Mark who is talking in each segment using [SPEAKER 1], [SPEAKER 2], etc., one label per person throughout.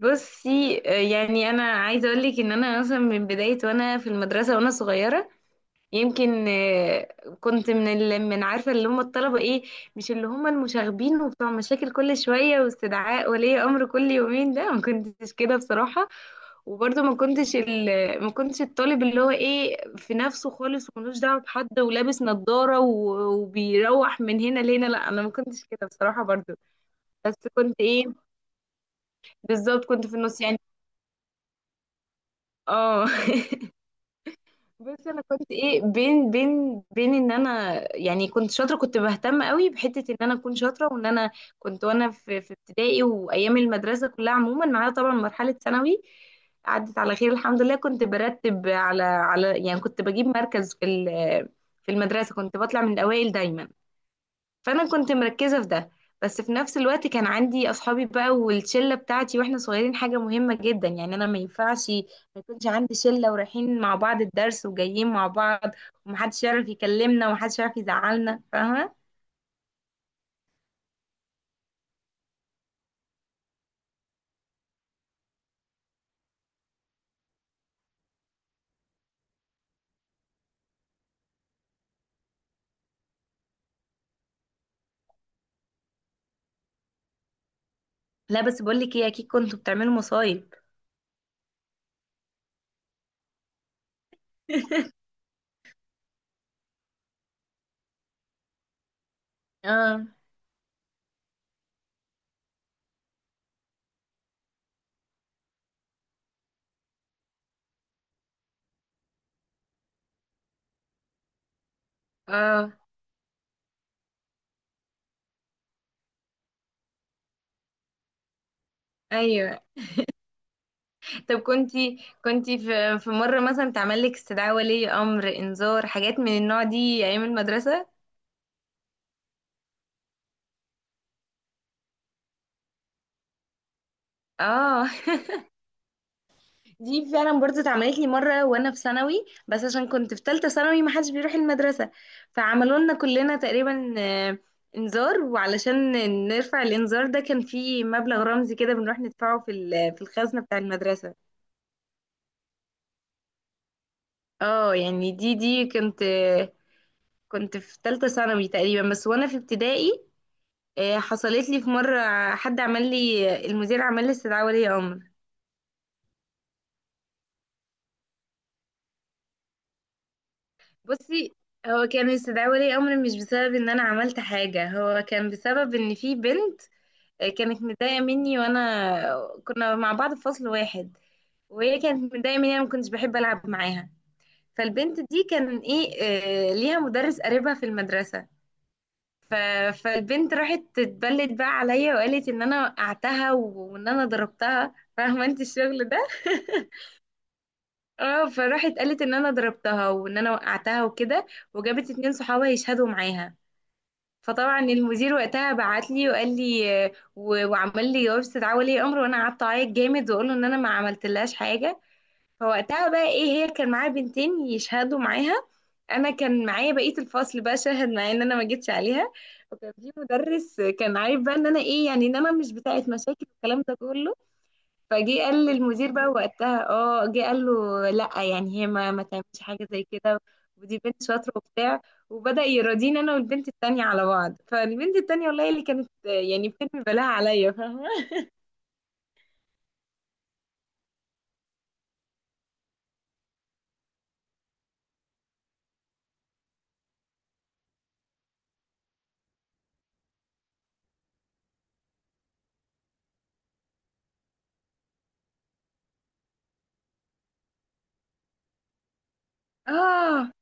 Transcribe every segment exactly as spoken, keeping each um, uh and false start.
[SPEAKER 1] بصي، آه، يعني انا عايزه اقول لك ان انا مثلا من بدايه وانا في المدرسه وانا صغيره يمكن. آه، كنت من ال... من عارفه اللي هم الطلبه ايه، مش اللي هم المشاغبين وبتوع مشاكل كل شويه واستدعاء ولي امر كل يومين، ده ما كنتش كده بصراحه. وبرضه ما كنتش ال... ما كنتش الطالب اللي هو ايه في نفسه خالص وملوش دعوه بحد ولابس نظاره و... وبيروح من هنا لهنا، لا انا ما كنتش كده بصراحه برضه. بس كنت ايه؟ بالظبط كنت في النص يعني. اه. بس انا كنت ايه، بين بين بين ان انا يعني كنت شاطره، كنت بهتم قوي بحته ان انا اكون شاطره، وان انا كنت وانا في في ابتدائي وايام المدرسه كلها عموما، ما عدا طبعا مرحله ثانوي، عدت على خير الحمد لله. كنت برتب على على يعني كنت بجيب مركز في ال- في المدرسه، كنت بطلع من الاوائل دايما. فانا كنت مركزه في ده. بس في نفس الوقت كان عندي اصحابي بقى والشله بتاعتي واحنا صغيرين، حاجه مهمه جدا يعني، انا ما ينفعش ما يكونش عندي شله ورايحين مع بعض الدرس وجايين مع بعض، ومحدش يعرف يكلمنا ومحدش يعرف يزعلنا، فاهمه؟ لا بس بقول لك ايه، اكيد كنتوا بتعملوا مصايب. اه. اه. ايوه. طب كنتي كنتي في في مره مثلا تعمل لك استدعاء ولي امر، انذار، حاجات من النوع دي ايام المدرسه؟ اه. دي فعلا برضه اتعملت لي مره وانا في ثانوي، بس عشان كنت في ثالثه ثانوي ما حدش بيروح المدرسه، فعملوا لنا كلنا تقريبا آه، انذار. وعلشان نرفع الانذار ده كان في مبلغ رمزي كده بنروح ندفعه في ال- في الخزنه بتاع المدرسه. اه يعني دي دي كنت كنت في ثالثه ثانوي تقريبا. بس وانا في ابتدائي، آه، حصلت لي في مره، حد عمل لي، المدير عمل لي استدعاء ولي امر. بصي، هو كانوا يستدعوا لي امر مش بسبب ان انا عملت حاجه، هو كان بسبب ان في بنت آه، كانت متضايقه مني، وانا كنا مع بعض في فصل واحد، وهي كانت متضايقه مني انا ما كنتش بحب العب معاها. فالبنت دي كان ايه، آه، ليها مدرس قريبها في المدرسه. ف... فالبنت راحت تتبلد بقى عليا وقالت ان انا وقعتها وان انا ضربتها، فاهمه انت الشغل ده. اه، فراحت قالت ان انا ضربتها وان انا وقعتها وكده، وجابت اتنين صحابها يشهدوا معاها. فطبعا المدير وقتها بعت لي وقال لي، آه، و- وعمل لي جواب استدعاء ولي امر، وانا قعدت اعيط جامد واقول له ان انا ما عملتلهاش حاجه. فوقتها بقى ايه، هي كان معايا بنتين يشهدوا معاها، انا كان معايا بقيه الفصل بقى شاهد معايا ان انا ما جيتش عليها. وكان في مدرس كان عارف بقى ان انا ايه يعني، ان انا مش بتاعه مشاكل والكلام ده كله. فجه قال للمدير بقى وقتها، اه جه قال له لا يعني هي ما ما تعملش حاجه زي كده، ودي بنت شاطره وبتاع. وبدأ يراضيني انا والبنت التانية على بعض. فالبنت التانية والله اللي كانت آه، يعني بترمي بلاها عليا فاهمه. اه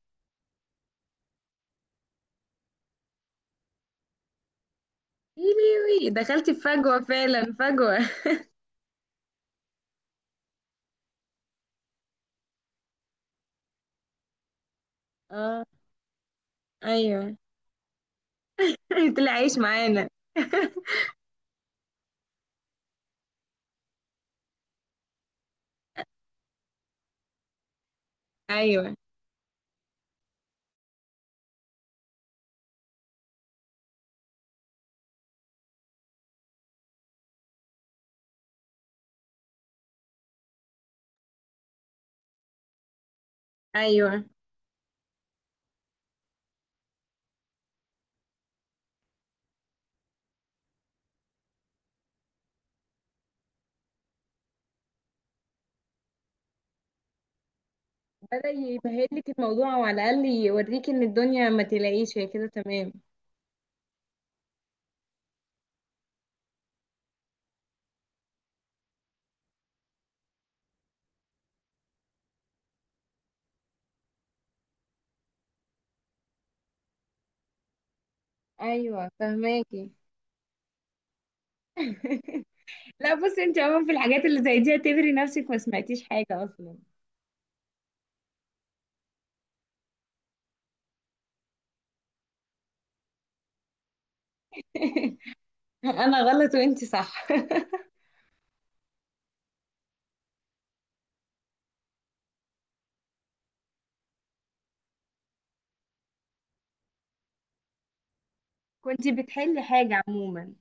[SPEAKER 1] يليوي، دخلت في فجوه فعلا فجوه. اه. ايوه. طلع عايش معانا. ايوه. ايوه، بدأ يبهدلك الموضوع وعلى الاقل يوريك ان الدنيا ما تلاقيش هي كده تمام. ايوه فهماكي. لا بصي، انت عموما في الحاجات اللي زي دي اعتبري نفسك ما سمعتيش حاجة اصلا. انا غلط وانت صح. كنت بتحلي حاجة عموما.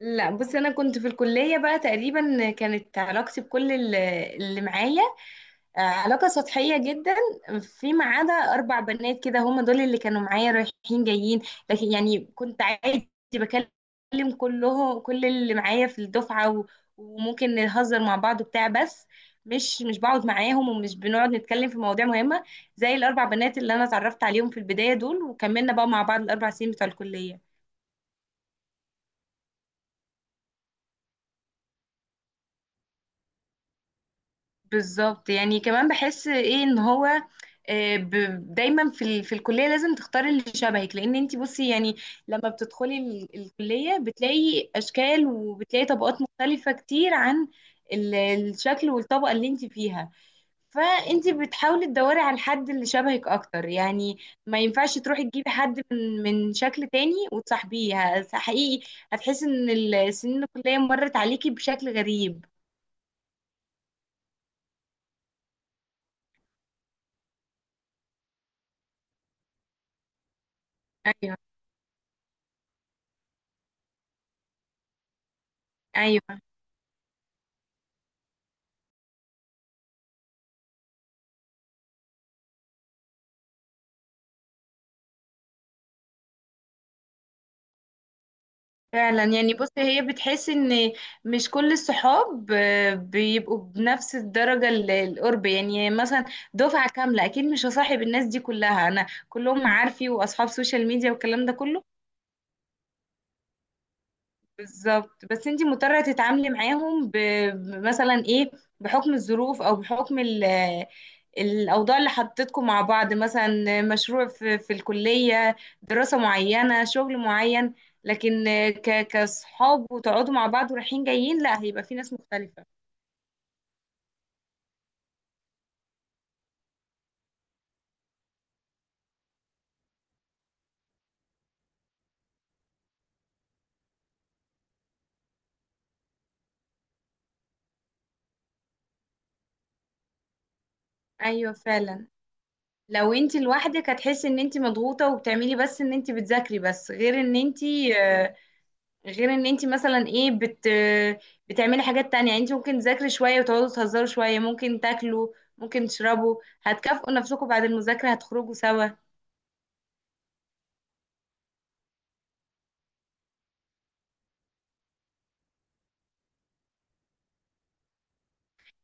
[SPEAKER 1] لا بصي، انا كنت في الكلية بقى تقريبا كانت علاقتي بكل ال- اللي معايا آه، علاقة سطحية جدا، فيما عدا أربع بنات كده هم دول اللي كانوا معايا رايحين جايين. لكن يعني كنت عادي بكلم كلهم، كل اللي معايا في الدفعة، و- وممكن نهزر مع بعض وبتاع، بس مش مش بقعد معاهم ومش بنقعد نتكلم في مواضيع مهمة زي الأربع بنات اللي أنا اتعرفت عليهم في البداية دول، وكملنا بقى مع بعض الأربع سنين بتوع الكلية. بالظبط يعني. كمان بحس ايه ان هو، آه، ب- دايما في ال- في الكليه لازم تختاري اللي شبهك. لان انت بصي يعني، لما بتدخلي ال- الكليه بتلاقي اشكال وبتلاقي طبقات مختلفه كتير عن ال- الشكل والطبقه اللي انت فيها. فانت بتحاولي تدوري على الحد اللي شبهك اكتر يعني، ما ينفعش تروحي تجيبي حد من من شكل تاني وتصاحبيه. ه- حقيقي هتحسي ان السنين الكليه مرت عليكي بشكل غريب. ايوه. ايوه فعلا يعني. بص، هي بتحس ان مش كل الصحاب آه، بيبقوا بنفس الدرجة ال- القرب يعني. مثلا دفعة كاملة اكيد مش هصاحب الناس دي كلها، انا كلهم معارفي واصحاب سوشيال ميديا والكلام ده كله. بالظبط، بس انت مضطرة تتعاملي معاهم ب... ب- مثلا ايه، بحكم الظروف او بحكم ال... الاوضاع اللي حطيتكم مع بعض، مثلا مشروع في, في الكلية، دراسة معينة، شغل معين. لكن ك... كصحاب وتقعدوا مع بعض ورايحين جايين، لا هيبقى في ناس مختلفة. ايوه فعلا. لو انت لوحدك هتحسي ان انت مضغوطة وبتعملي بس ان انت بتذاكري، بس غير ان انت غير ان انت مثلا ايه بت بتعملي حاجات تانية يعني. انت ممكن تذاكري شوية وتقعدوا تهزروا شوية، ممكن تاكلوا، ممكن تشربوا، هتكافئوا نفسكم بعد المذاكرة هتخرجوا سوا.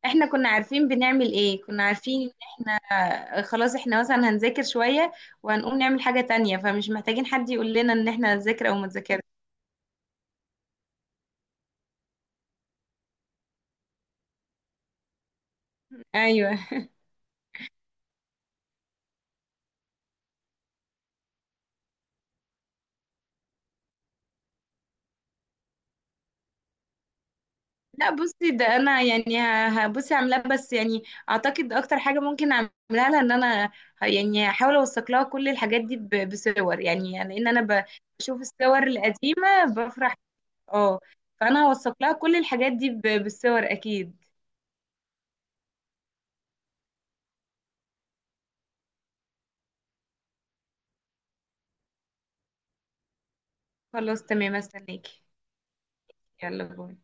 [SPEAKER 1] احنا كنا عارفين بنعمل ايه، كنا عارفين ان احنا آه، خلاص احنا مثلا هنذاكر شوية وهنقوم نعمل حاجة تانية، فمش محتاجين حد يقول لنا ان احنا هنذاكر او ما نذاكرش. ايوه. لا بصي، ده انا يعني ه- هبصي عاملاه، بس يعني اعتقد اكتر حاجه ممكن اعملها لها ان انا ه- يعني هحاول اوثق لها كل الحاجات دي ب- بصور يعني، لان انا ب- بشوف الصور القديمه بفرح. اه. فانا هوثق لها كل الحاجات دي ب- بالصور اكيد. خلاص تمام، استناكي. يلا باي.